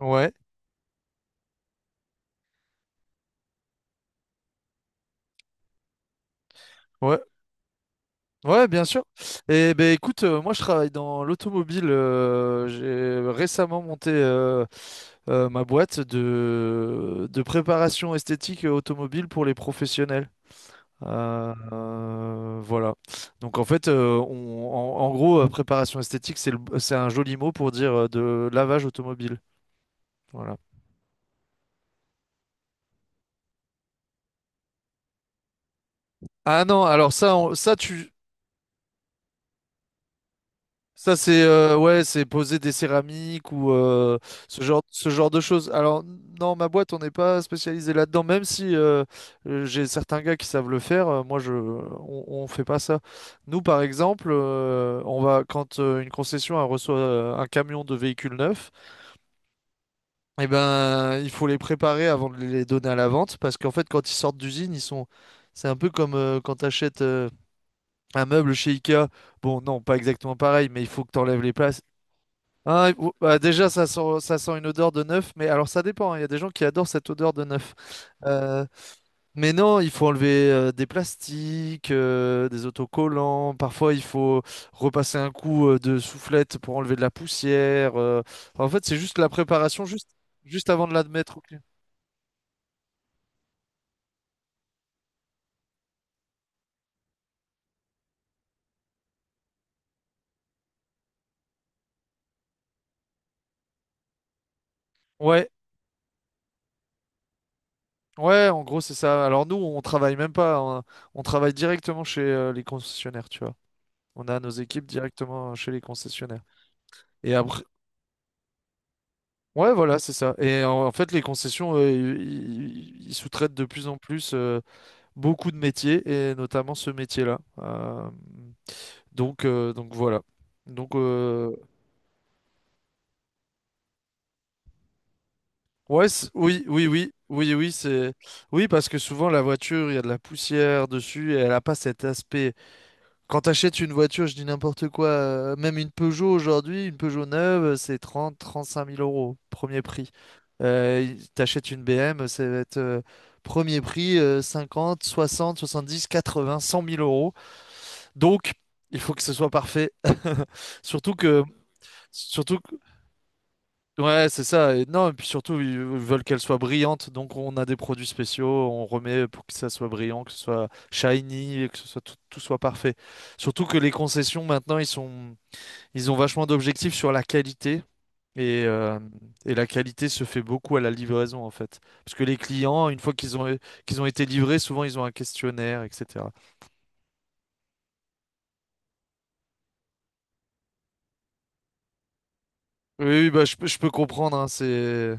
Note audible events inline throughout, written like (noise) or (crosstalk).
Ouais, ouais, ouais, bien sûr. Et ben écoute, moi je travaille dans l'automobile. J'ai récemment monté ma boîte de préparation esthétique automobile pour les professionnels. Voilà. Donc en fait, en gros, préparation esthétique, c'est un joli mot pour dire de lavage automobile. Voilà. Ah non, alors ça, ça, c'est c'est poser des céramiques ou ce genre de choses. Alors, non, ma boîte, on n'est pas spécialisé là-dedans, même si j'ai certains gars qui savent le faire. Moi, on fait pas ça. Nous, par exemple, on va quand une concession elle reçoit un camion de véhicules neufs. Eh ben, il faut les préparer avant de les donner à la vente, parce qu'en fait, quand ils sortent d'usine, ils sont, c'est un peu comme quand tu achètes un meuble chez Ikea. Bon, non, pas exactement pareil, mais il faut que tu enlèves les places, ah, bah, déjà, ça sent une odeur de neuf, mais alors ça dépend, hein. Il y a des gens qui adorent cette odeur de neuf. Euh, mais non, il faut enlever des plastiques, des autocollants. Parfois, il faut repasser un coup de soufflette pour enlever de la poussière. Enfin, en fait, c'est juste la préparation, juste, juste avant de l'admettre au client. Ouais, ouais, en gros, c'est ça. Alors nous, on travaille même pas. On travaille directement chez les concessionnaires, tu vois. On a nos équipes directement chez les concessionnaires. Et après, ouais, voilà, c'est ça. En fait, les concessions, ils sous-traitent de plus en plus beaucoup de métiers, et notamment ce métier-là. Donc voilà. Donc, euh, oui, oui, oui, oui, oui, c'est, oui, parce que souvent la voiture, il y a de la poussière dessus, et elle n'a pas cet aspect. Quand t'achètes une voiture, je dis n'importe quoi, même une Peugeot aujourd'hui, une Peugeot neuve, c'est 30, 35 000 euros, premier prix. T'achètes une BM, ça va être premier prix, 50, 60, 70, 80, 100 000 euros. Donc, il faut que ce soit parfait. (laughs) Surtout que, surtout que ouais, c'est ça. Et non, et puis surtout, ils veulent qu'elle soit brillante. Donc, on a des produits spéciaux, on remet pour que ça soit brillant, que ce soit shiny, et que ce soit tout, tout soit parfait. Surtout que les concessions, maintenant, ils ont vachement d'objectifs sur la qualité. Et et la qualité se fait beaucoup à la livraison, en fait. Parce que les clients, une fois qu'ils ont été livrés, souvent, ils ont un questionnaire, etc. Oui, oui, bah, je peux comprendre, hein, c'est...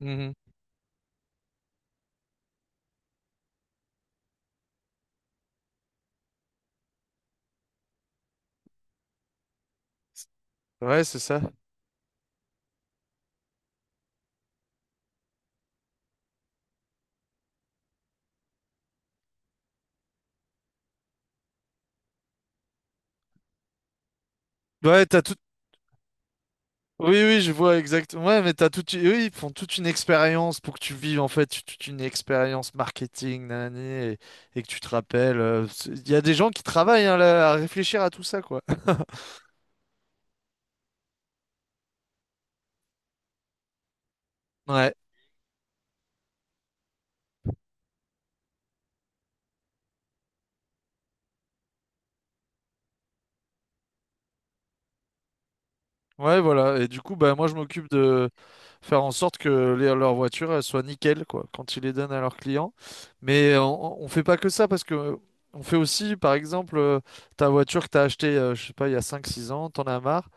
Mhm. Ouais, c'est ça. Ouais, t'as tout oui, oui, je vois exactement. Ouais, mais t'as toute... eux, ils font toute une expérience pour que tu vives, en fait, toute une expérience marketing, nanani, et, et que tu te rappelles. Il y a des gens qui travaillent hein, là, à réfléchir à tout ça, quoi. (laughs) Ouais, ouais, voilà. Et du coup, bah, moi, je m'occupe de faire en sorte que leurs voitures elles soient nickel, quoi, quand ils les donnent à leurs clients. Mais on fait pas que ça parce que on fait aussi, par exemple, ta voiture que t'as achetée, je sais pas, il y a 5 6 ans, t'en as marre.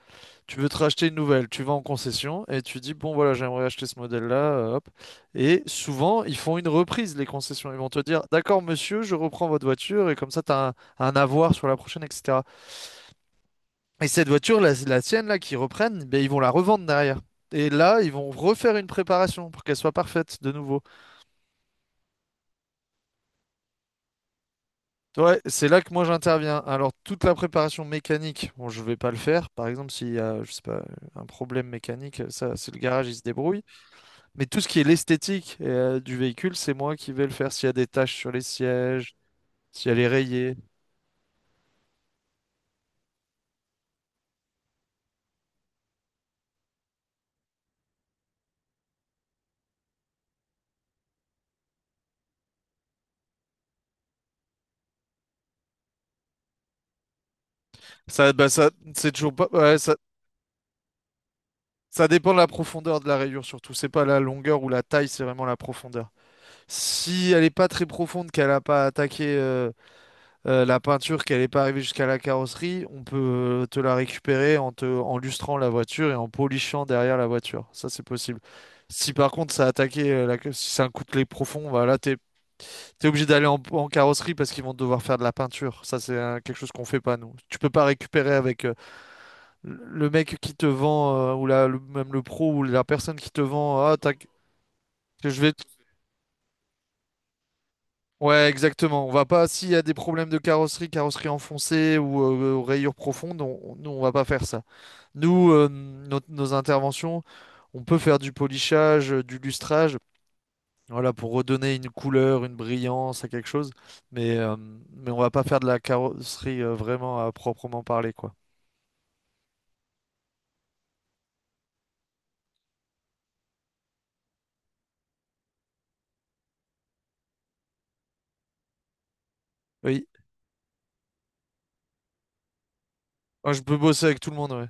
Tu veux te racheter une nouvelle, tu vas en concession et tu dis, bon voilà, j'aimerais acheter ce modèle-là, hop. Et souvent, ils font une reprise, les concessions. Ils vont te dire, d'accord, monsieur, je reprends votre voiture et comme ça, tu as un avoir sur la prochaine, etc. Et cette voiture, la tienne, là, qu'ils reprennent, ben, ils vont la revendre derrière. Et là, ils vont refaire une préparation pour qu'elle soit parfaite de nouveau. Ouais, c'est là que moi j'interviens. Alors, toute la préparation mécanique, bon, je vais pas le faire. Par exemple, s'il y a, je sais pas, un problème mécanique, ça, c'est le garage, il se débrouille. Mais tout ce qui est l'esthétique du véhicule, c'est moi qui vais le faire. S'il y a des taches sur les sièges, si elle est rayée. Ça, bah ça, c'est toujours pas. Ouais, Ça dépend de la profondeur de la rayure surtout. C'est pas la longueur ou la taille, c'est vraiment la profondeur. Si elle est pas très profonde, qu'elle a pas attaqué la peinture, qu'elle est pas arrivée jusqu'à la carrosserie, on peut te la récupérer en te, en lustrant la voiture et en polishant derrière la voiture. Ça, c'est possible. Si par contre ça a attaqué, si c'est un coup de clé profond, voilà, t'es obligé d'aller en carrosserie parce qu'ils vont devoir faire de la peinture. Ça, c'est quelque chose qu'on fait pas, nous. Tu peux pas récupérer avec le mec qui te vend, même le pro, ou la personne qui te vend. Ah, t'as- que je vais. Te- Ouais, exactement. On va pas, s'il y a des problèmes de carrosserie, carrosserie enfoncée ou rayures profondes, nous, on va pas faire ça. Nous, nos nos interventions, on peut faire du polissage, du lustrage, voilà, pour redonner une couleur, une brillance à quelque chose. Mais, euh, mais on va pas faire de la carrosserie vraiment à proprement parler, quoi. Oui, moi, je peux bosser avec tout le monde, ouais.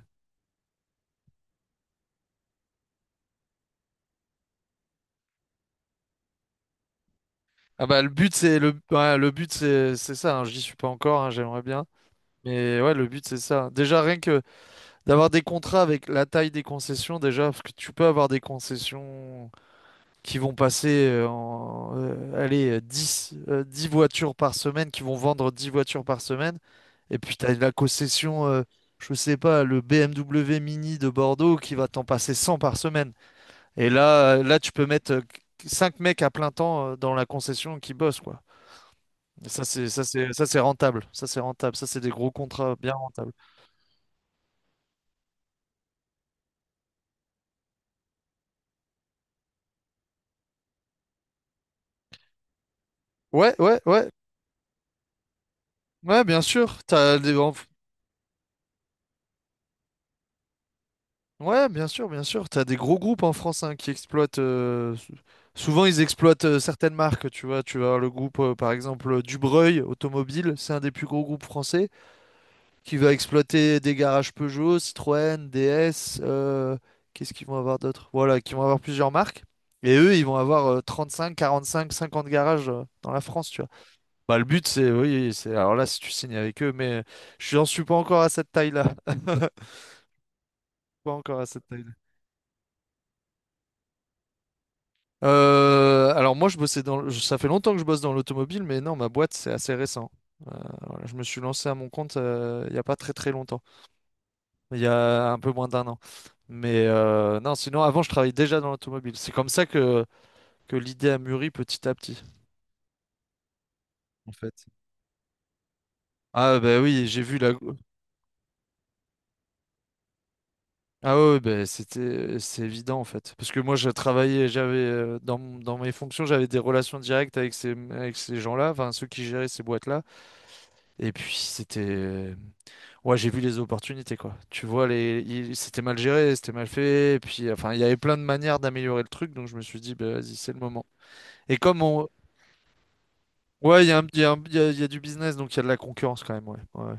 Ah bah le but c'est le Ouais, le but c'est ça, hein. J'y suis pas encore, hein, j'aimerais bien. Mais ouais, le but c'est ça. Déjà rien que d'avoir des contrats avec la taille des concessions, déjà, parce que tu peux avoir des concessions qui vont passer allez, 10, 10 voitures par semaine, qui vont vendre 10 voitures par semaine. Et puis, tu as la concession, je sais pas, le BMW Mini de Bordeaux qui va t'en passer 100 par semaine. Et là, là tu peux mettre 5 mecs à plein temps dans la concession qui bossent, quoi. Et ça, c'est rentable. Ça, c'est rentable. Ça, c'est des gros contrats bien rentables. Ouais, ouais, ouais. Ouais, bien sûr. Ouais, bien sûr, bien sûr. T'as des gros groupes en France hein, qui exploitent. Souvent, ils exploitent certaines marques. Tu vois, tu vas avoir le groupe, par exemple, Dubreuil Automobile. C'est un des plus gros groupes français qui va exploiter des garages Peugeot, Citroën, DS. Qu'est-ce qu'ils vont avoir d'autre? Voilà, qui vont avoir plusieurs marques. Et eux, ils vont avoir 35, 45, 50 garages dans la France. Tu vois. Bah, le but, c'est, oui, c'est. Alors là, si tu signes avec eux, mais je n'en suis pas encore à cette taille-là. (laughs) Pas encore à cette alors moi, je bossais dans, ça fait longtemps que je bosse dans l'automobile, mais non, ma boîte, c'est assez récent. Euh, voilà, je me suis lancé à mon compte il n'y a pas très très longtemps, il y a un peu moins d'1 an. Mais non, sinon, avant, je travaillais déjà dans l'automobile. C'est comme ça que l'idée a mûri petit à petit, en fait. Ah bah oui, j'ai vu la... Ah ouais, ouais, bah, c'est évident, en fait. Parce que moi, je travaillais, j'avais, dans, mon- dans mes fonctions, j'avais des relations directes avec ces gens-là, enfin, ceux qui géraient ces boîtes-là. Et puis, c'était... Ouais, j'ai vu les opportunités, quoi. Tu vois, c'était mal géré, c'était mal fait. Et puis, enfin, il y avait plein de manières d'améliorer le truc. Donc, je me suis dit, bah, vas-y, c'est le moment. Et comme on. Ouais, il y a un- il y a un- il y a du business, donc il y a de la concurrence quand même. Ouais,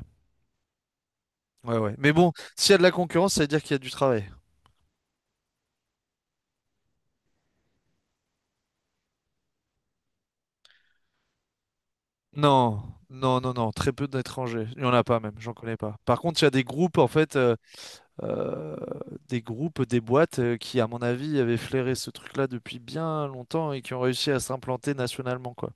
ouais. Mais bon, s'il y a de la concurrence, ça veut dire qu'il y a du travail. Non, non, très peu d'étrangers. Il n'y en a pas même, j'en connais pas. Par contre, il y a des groupes, en fait, euh, des groupes, des boîtes qui, à mon avis, avaient flairé ce truc-là depuis bien longtemps et qui ont réussi à s'implanter nationalement, quoi.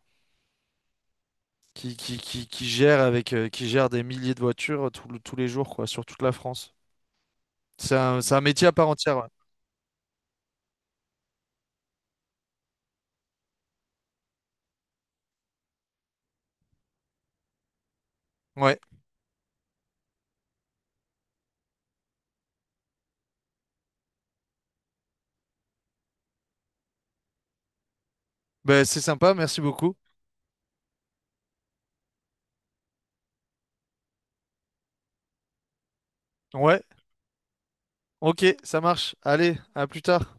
Qui gère avec, qui gère des milliers de voitures tous les jours, quoi, sur toute la France. C'est un métier à part entière. Ouais. Ouais. Ben, c'est sympa, merci beaucoup. Ouais, ok, ça marche. Allez, à plus tard.